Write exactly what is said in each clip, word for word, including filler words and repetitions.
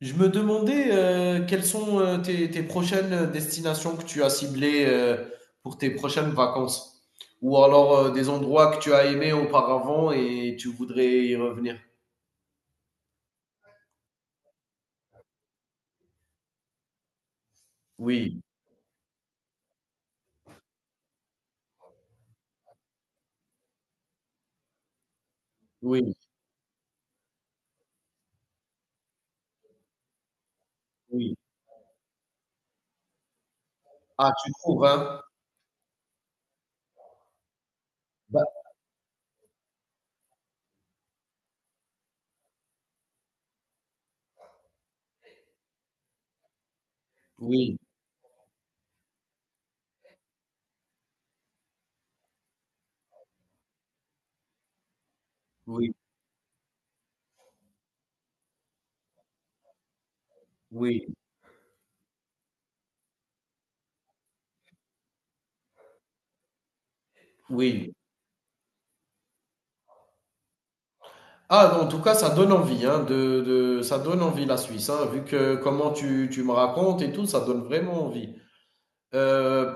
Je me demandais euh, quelles sont euh, tes, tes prochaines destinations que tu as ciblées euh, pour tes prochaines vacances, ou alors euh, des endroits que tu as aimés auparavant et tu voudrais y revenir. Oui, oui, oui. Ah, tu trouves, hein? Bah, oui, oui, oui, oui. Ah, en tout cas, ça donne envie, hein, de, de- ça donne envie la Suisse, hein, vu que comment tu, tu me racontes et tout, ça donne vraiment envie. Euh,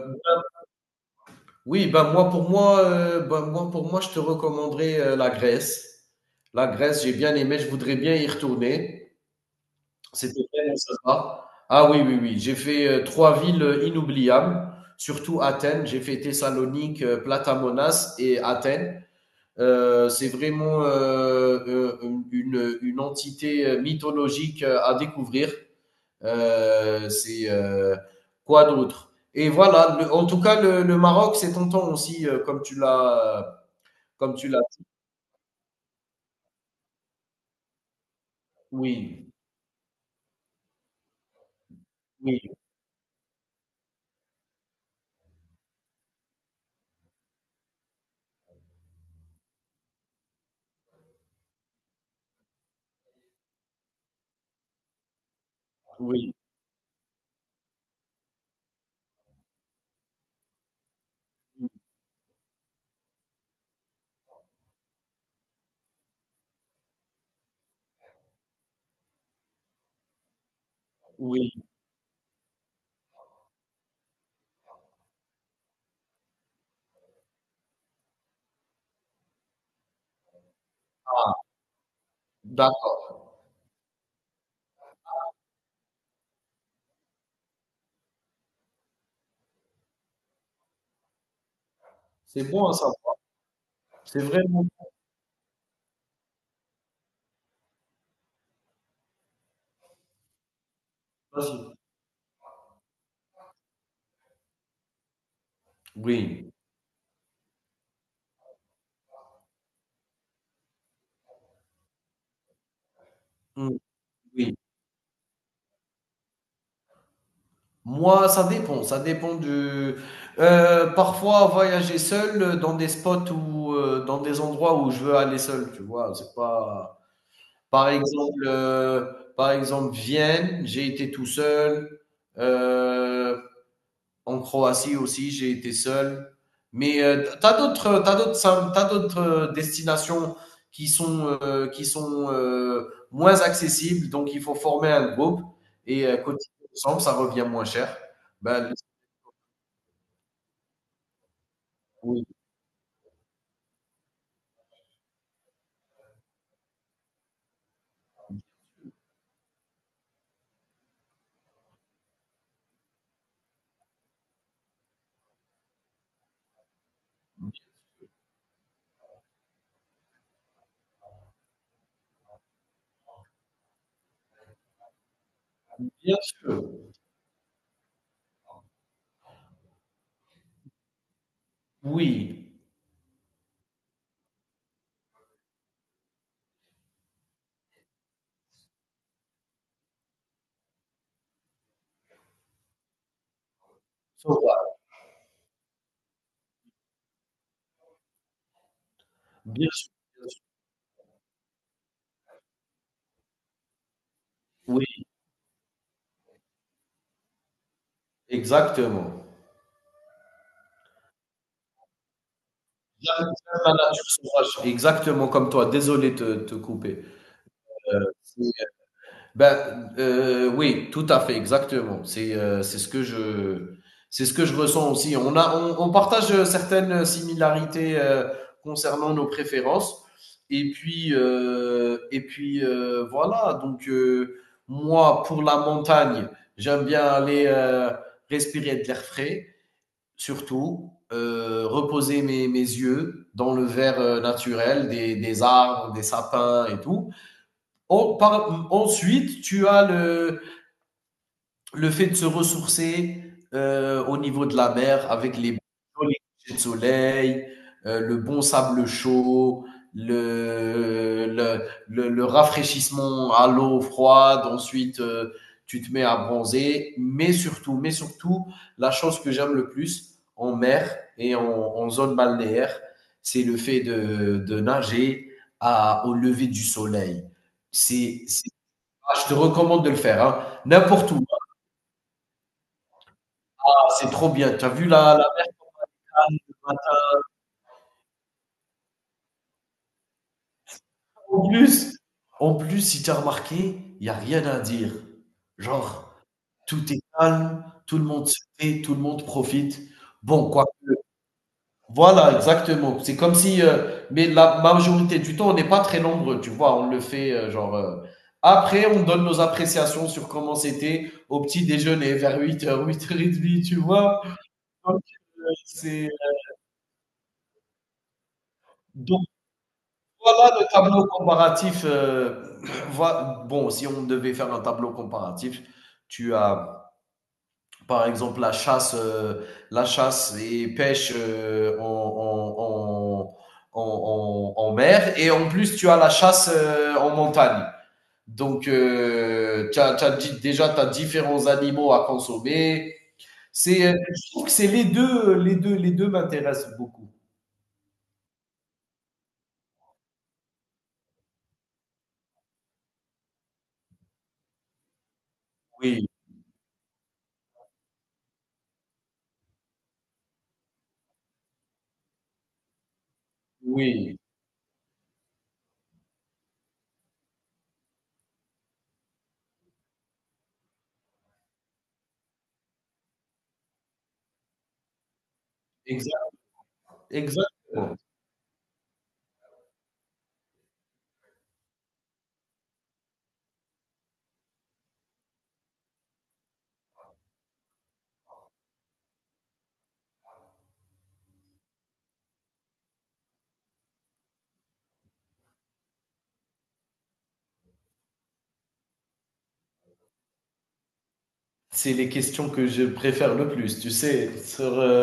Oui, ben moi pour moi, euh, ben moi pour moi, je te recommanderais euh, la Grèce. La Grèce, j'ai bien aimé, je voudrais bien y retourner. C'était vraiment sympa. Ah oui, oui, oui. J'ai fait euh, trois villes euh, inoubliables, surtout Athènes. J'ai fait Thessalonique, euh, Platamonas et Athènes. Euh, c'est vraiment euh, euh, une, une entité euh, mythologique euh, à découvrir. Euh, c'est euh, quoi d'autre Et voilà, le- en tout cas, le, le Maroc, c'est tentant aussi, euh, comme tu l'as, comme tu l'as. Oui, oui, oui, oui. D'accord. C'est bon à savoir. C'est vraiment. Vas-y. Oui, mm, oui. Moi, ça dépend. Ça dépend du. Euh, parfois, voyager seul euh, dans des spots ou euh, dans des endroits où je veux aller seul, tu vois. C'est pas. Par exemple, euh, par exemple, Vienne, j'ai été tout seul. Euh, en Croatie aussi, j'ai été seul. Mais euh, tu t'as d'autres, t'as d'autres, t'as d'autres euh, destinations qui sont euh, qui sont euh, moins accessibles, donc il faut former un groupe et euh, cotiser ensemble, ça revient moins cher. Ben, oui, bien sûr, oui, bien sûr, bien sûr. Oui, exactement. J'aime la nature sauvage, exactement comme toi. Désolé de te, te couper. Euh, c'est- ben, euh, oui, tout à fait, exactement. C'est euh, c'est ce que je c'est ce que je ressens aussi. On a on, on partage certaines similarités euh, concernant nos préférences. Et puis euh, et puis euh, voilà. Donc euh, moi, pour la montagne, j'aime bien aller euh, respirer de l'air frais surtout euh, reposer mes, mes yeux dans le verre euh, naturel des, des arbres, des sapins et tout. En- par- ensuite, tu as le, le fait de se ressourcer, heu, au niveau de la mer avec les jolis couchers de soleil, heu, le bon sable chaud, le le le le rafraîchissement à l'eau froide, ensuite, heu, tu te mets à bronzer, mais surtout mais surtout, la chose que j'aime le plus en mer et en en zone balnéaire, c'est le fait de de nager à au lever du soleil. C'est c'est Ah, je te recommande de le faire, hein, n'importe où. Ah, c'est trop bien. Tu as vu la, la- En plus, en plus, si tu as remarqué, il n'y a rien à dire. Genre, tout est calme, tout le monde se fait, tout le monde profite. Bon, quoi. Voilà, exactement. C'est comme si, euh, mais la majorité du temps, on n'est pas très nombreux, tu vois. On le fait, euh, genre. euh, Après, on donne nos appréciations sur comment c'était au petit déjeuner vers huit heures, huit heures trente, tu vois. Donc, euh, c'est. Voilà le tableau comparatif. Euh, voi- bon, si on devait faire un tableau comparatif, tu as par exemple la chasse, euh, la chasse et pêche euh, en, en- en- en- en- en mer, et en plus tu as la chasse euh, en montagne. Donc, euh, tu as, di- déjà tu as différents animaux à consommer. C'est, euh, je trouve que c'est les deux, les deux, les deux m'intéressent beaucoup. Oui, oui, exact, exactement. C'est les questions que je préfère le plus, tu sais, sur, heu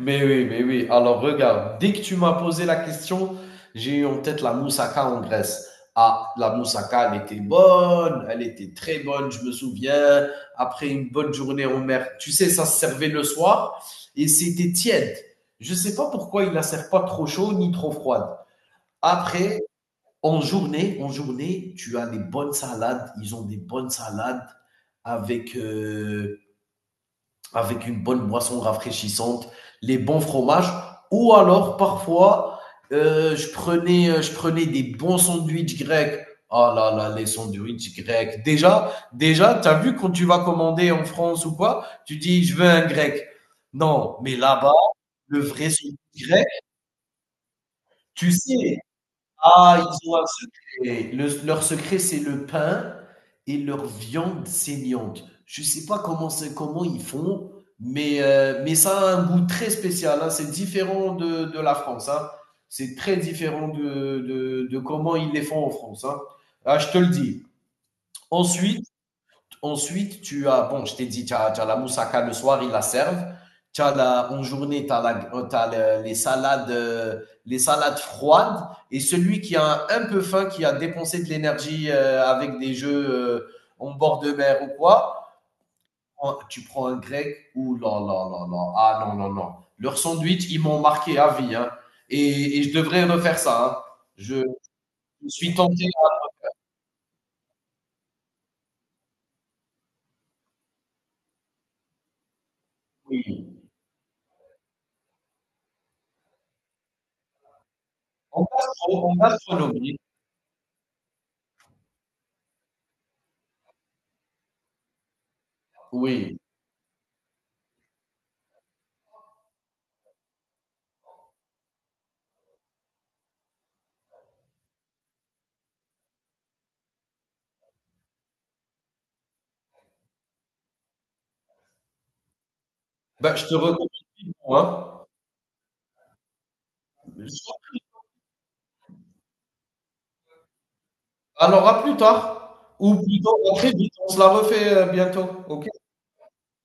mais oui, mais oui. Alors regarde, dès que tu m'as posé la question, j'ai eu en tête la moussaka en Grèce. Ah, la moussaka, elle était bonne, elle était très bonne, je me souviens. Après une bonne journée en mer, tu sais, ça se servait le soir et c'était tiède. Je ne sais pas pourquoi ils la servent pas trop chaud ni trop froide. Après, en journée en journée, tu as des bonnes salades, ils ont des bonnes salades avec, heu avec une bonne boisson rafraîchissante, les bons fromages, ou alors parfois euh, je, prenais, euh, je prenais des bons sandwichs grecs. Ah là là, les sandwichs grecs. Déjà, déjà, tu as vu quand tu vas commander en France ou quoi, tu dis je veux un grec. Non, mais là-bas, le vrai sandwich grec, tu sais, ah, ils ont un secret. Le- leur secret, c'est le pain et leur viande saignante. Je ne sais pas comment c'est, comment ils font, mais, euh, mais ça a un goût très spécial, hein. C'est différent de, de la France, hein. C'est très différent de, de, de comment ils les font en France, hein. Ah, je te le dis. Ensuite, Ensuite, tu as, bon, je t'ai dit, tu as, tu as la moussaka le soir, ils la servent. Tu as la, en journée, tu as, la, tu as les, salades, euh, les salades froides. Et celui qui a un peu faim, qui a dépensé de l'énergie euh, avec des jeux euh, en bord de mer ou quoi, tu prends un grec ou là, là, là, là. Ah non, non, non. Leur sandwich, ils m'ont marqué à vie, hein. Et, et je devrais refaire ça, hein. Je, suis tenté. Oui. En gastro- en gastronomie, oui. Bah, je te recommande vivement, hein. Alors à plus tard, ou plutôt à très vite, on se la refait, heu, bientôt, OK?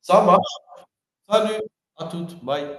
Ça marche. Salut, à toutes, bye.